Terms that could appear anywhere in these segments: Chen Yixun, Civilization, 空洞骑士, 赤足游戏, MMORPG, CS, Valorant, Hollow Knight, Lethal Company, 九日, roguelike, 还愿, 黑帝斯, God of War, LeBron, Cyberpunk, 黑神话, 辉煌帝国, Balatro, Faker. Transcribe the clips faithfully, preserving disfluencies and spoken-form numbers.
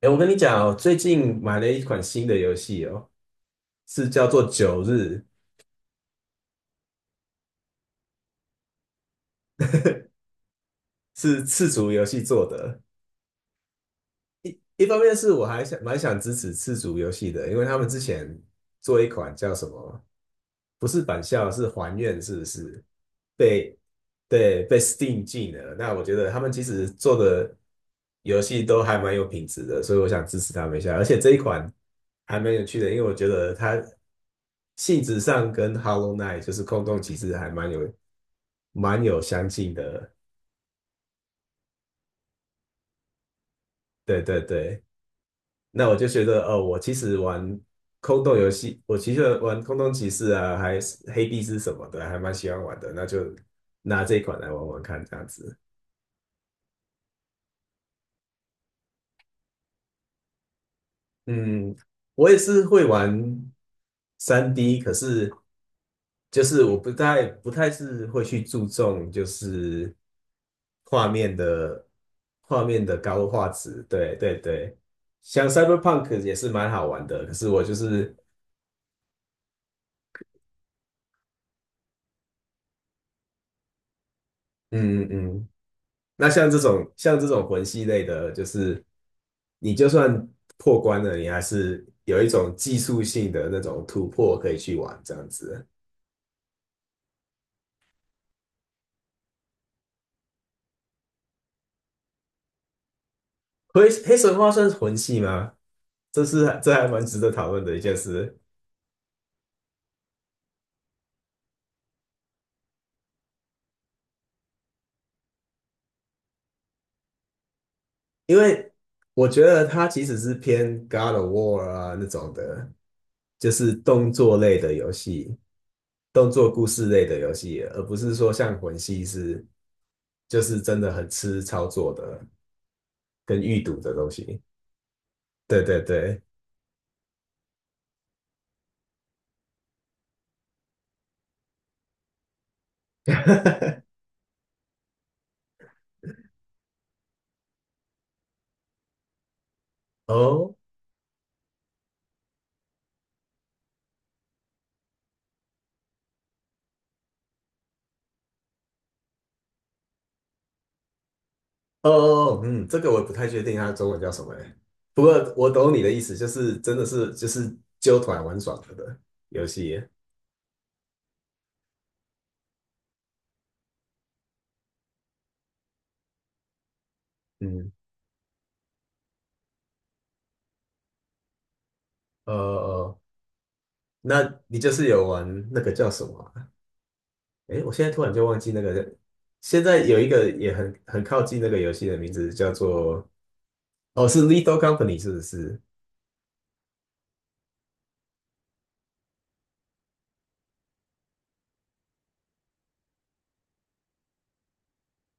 哎，我跟你讲哦，最近买了一款新的游戏哦，是叫做《九日》，是赤足游戏做的。一一方面是我还想蛮想支持赤足游戏的，因为他们之前做一款叫什么，不是返校，是还愿，是不是？被对被 Steam 禁了。那我觉得他们其实做的游戏都还蛮有品质的，所以我想支持他们一下。而且这一款还蛮有趣的，因为我觉得它性质上跟 Hollow Knight 就是空洞骑士还蛮有蛮有相近的。对对对，那我就觉得哦，我其实玩空洞游戏，我其实玩空洞骑士啊，还是黑帝斯什么的，还蛮喜欢玩的。那就拿这一款来玩玩看，这样子。嗯，我也是会玩三 d， 可是就是我不太不太是会去注重就是画面的画面的高画质，对对对。像 Cyberpunk 也是蛮好玩的，可是我就是嗯嗯嗯。那像这种像这种魂系类的，就是你就算破关了，你还是有一种技术性的那种突破可以去玩这样子。黑黑神话算是魂系吗？这是这还蛮值得讨论的一件事。因为我觉得它其实是偏 God of War 啊那种的，就是动作类的游戏，动作故事类的游戏，而不是说像魂系是就是真的很吃操作的跟预读的东西。对对对，哦哦哦，嗯，这个我不太确定它中文叫什么欸，不过我懂你的意思，就是真的是就是揪团玩耍了的游戏。嗯，呃，哦哦，那你就是有玩那个叫什么啊？诶，我现在突然就忘记那个。现在有一个也很很靠近那个游戏的名字，叫做哦，是 l i t h a l Company 是不是？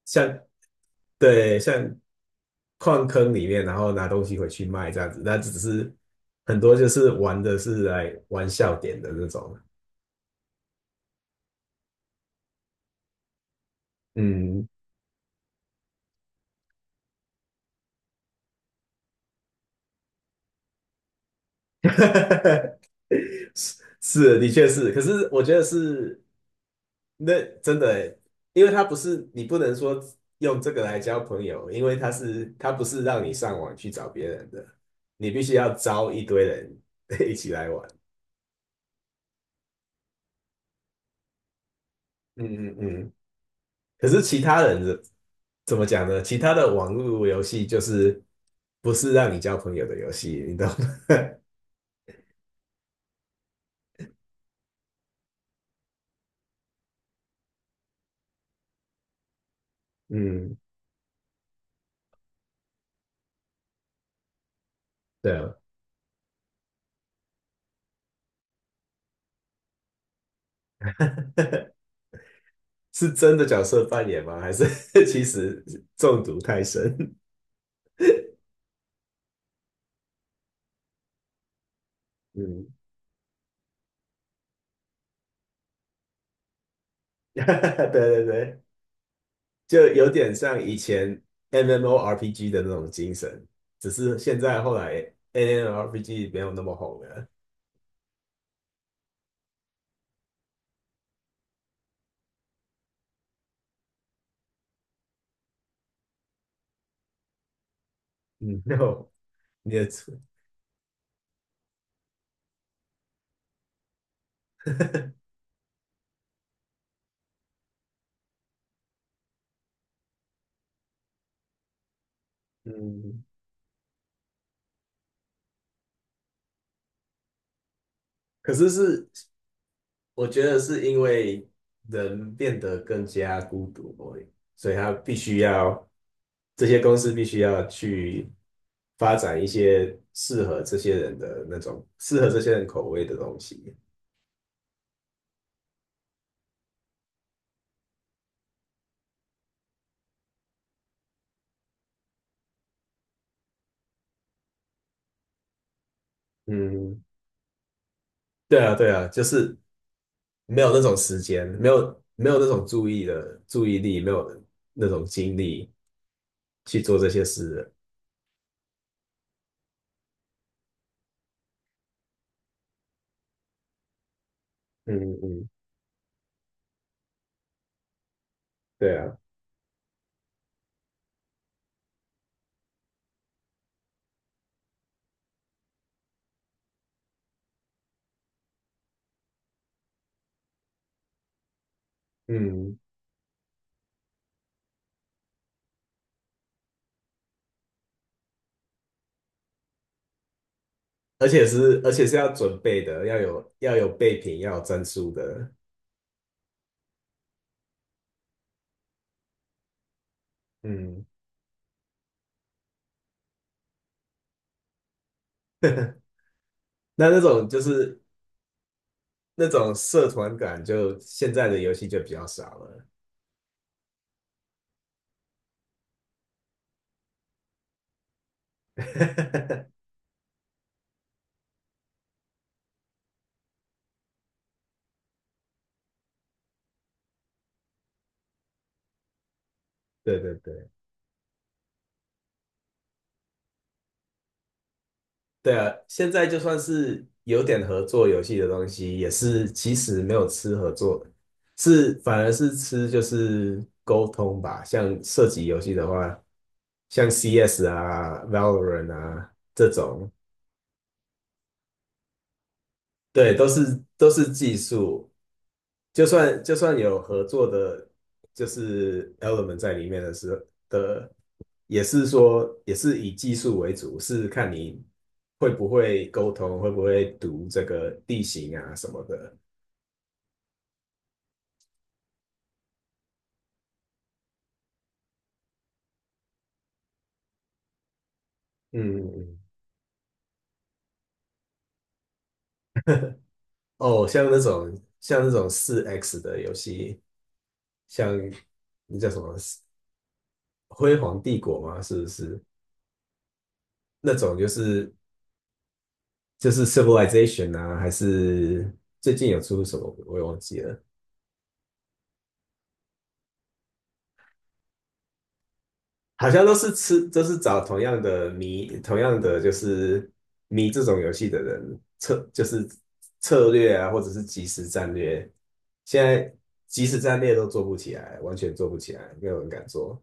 像对，像矿坑里面，然后拿东西回去卖这样子。那只是很多就是玩的是来玩笑点的那种。嗯，是是，的确是。可是我觉得是那真的欸，因为它不是你不能说用这个来交朋友，因为它是它不是让你上网去找别人的，你必须要招一堆人 一起来玩。嗯嗯嗯。可是其他人的怎么讲呢？其他的网络游戏就是不是让你交朋友的游戏，你懂吗？嗯，对啊。是真的角色扮演吗？还是 其实中毒太深？嗯，对对对。就有点像以前 MMORPG 的那种精神，只是现在后来 MMORPG 没有那么红了。嗯，没有，你也出嗯，可是是我觉得是因为人变得更加孤独，所以他必须要这些公司必须要去发展一些适合这些人的那种适合这些人口味的东西。嗯，对啊，对啊，就是没有那种时间，没有没有那种注意的注意力，没有那种精力去做这些事了。嗯嗯，对啊，嗯，而且是而且是要准备的，要有要有备品，要有战术的。嗯，那那种就是那种社团感就，现在的游戏就比较少了。对对对。对啊，现在就算是有点合作游戏的东西，也是其实没有吃合作，是反而是吃就是沟通吧。像射击游戏的话，像 C S 啊、Valorant 啊这种，对，都是都是技术。就算就算有合作的，就是 element 在里面的时候的也是说，也是以技术为主，是看你会不会沟通，会不会读这个地形啊什么的。嗯，嗯嗯，哦，像那种像那种四 X 的游戏，像那叫什么《辉煌帝国》吗？是不是那种就是就是 Civilization 啊？还是最近有出什么我也忘记了。好像都是吃，都是找同样的迷，同样的就是迷这种游戏的人策，就是策略啊，或者是即时战略。现在即时战略都做不起来，完全做不起来，没有人敢做。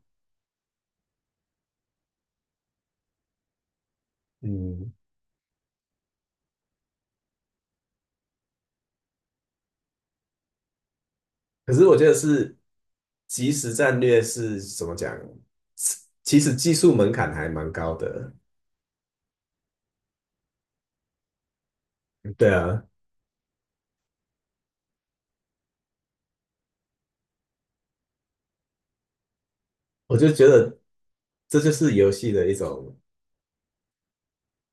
嗯，可是我觉得是即时战略是怎么讲？其实技术门槛还蛮高的。对啊，我就觉得这就是游戏的一种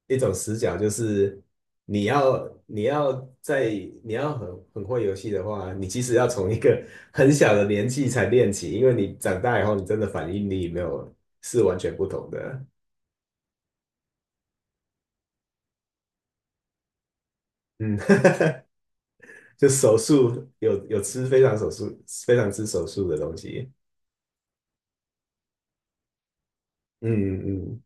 一种死角，就是你要你要在你要很很会游戏的话，你其实要从一个 很小的年纪才练起，因为你长大以后，你真的反应力没有是完全不同的。嗯，就手速有有吃非常手速非常吃手速的东西。嗯嗯，嗯，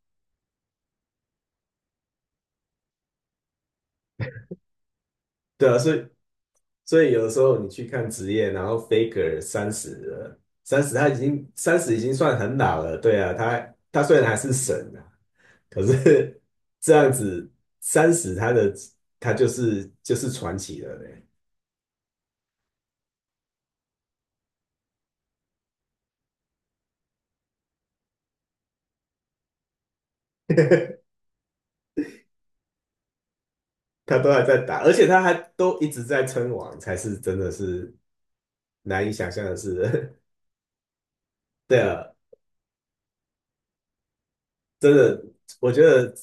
对啊，所以所以有的时候你去看职业，然后 Faker 三十了，三十他已经三十已经算很老了，对啊，他他虽然还是神啊，可是这样子，三十他的他就是就是传奇了嘞，他都还在打，而且他还都一直在称王，才是真的是难以想象的事。对啊，真的，我觉得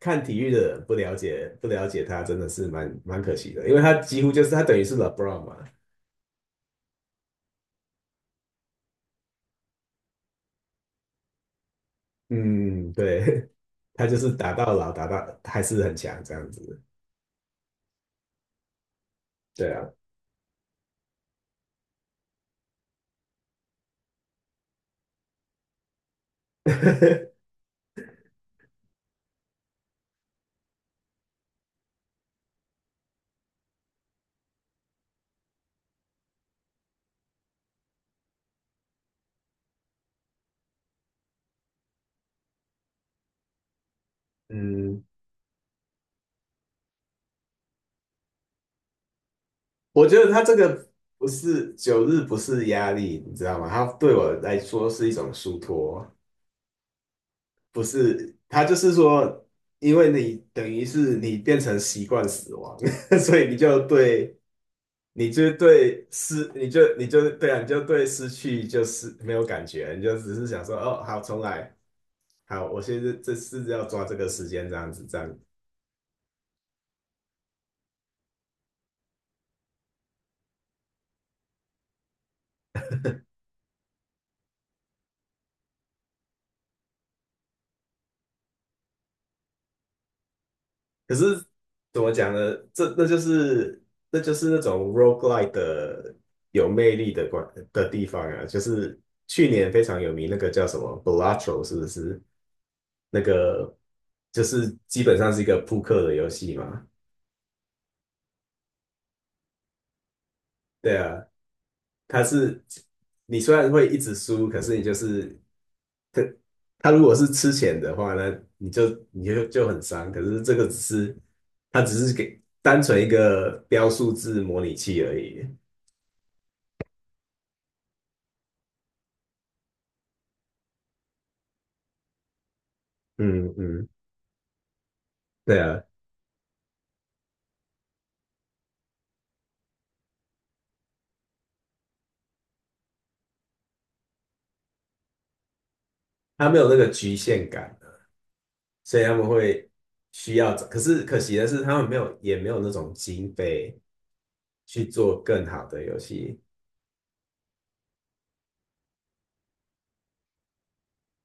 看体育的人不了解不了解他，真的是蛮蛮可惜的，因为他几乎就是他等于是 LeBron 嘛。嗯，对，他就是打到老，打到还是很强这样子。对啊，嗯。我觉得他这个不是九日，不是压力，你知道吗？他对我来说是一种疏脱，不是他就是说，因为你等于是你变成习惯死亡，所以你就对，你就对失，你就你就对啊，你就对失去就是没有感觉，你就只是想说，哦，好，重来，好，我现在这是要抓这个时间这样子。这样可是怎么讲呢？这那就是那就是那种 roguelike 的有魅力的关的地方啊，就是去年非常有名那个叫什么 Balatro，是不是？那个就是基本上是一个扑克的游戏嘛。对啊，它是你虽然会一直输，可是你就是它它如果是吃钱的话呢，你就你就就很伤。可是这个只是它只是给单纯一个标数字模拟器而已。嗯嗯，对啊，他没有那个局限感的，所以他们会需要找。可是可惜的是，他们没有也没有那种经费去做更好的游戏。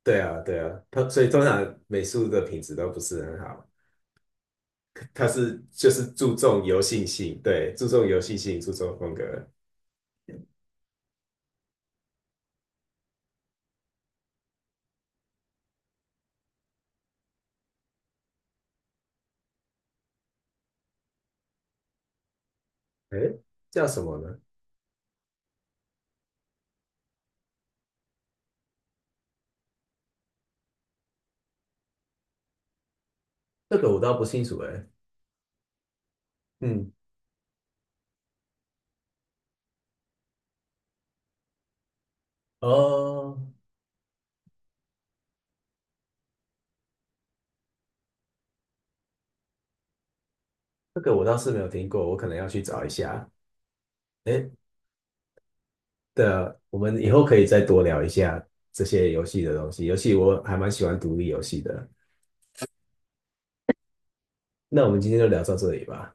对啊，对啊，他所以通常美术的品质都不是很好，他是就是注重游戏性，对，注重游戏性，注重风格。诶，叫什么呢？这个我倒不清楚诶。嗯，哦，这个我倒是没有听过，我可能要去找一下。哎，的，我们以后可以再多聊一下这些游戏的东西，游戏我还蛮喜欢独立游戏的。那我们今天就聊到这里吧。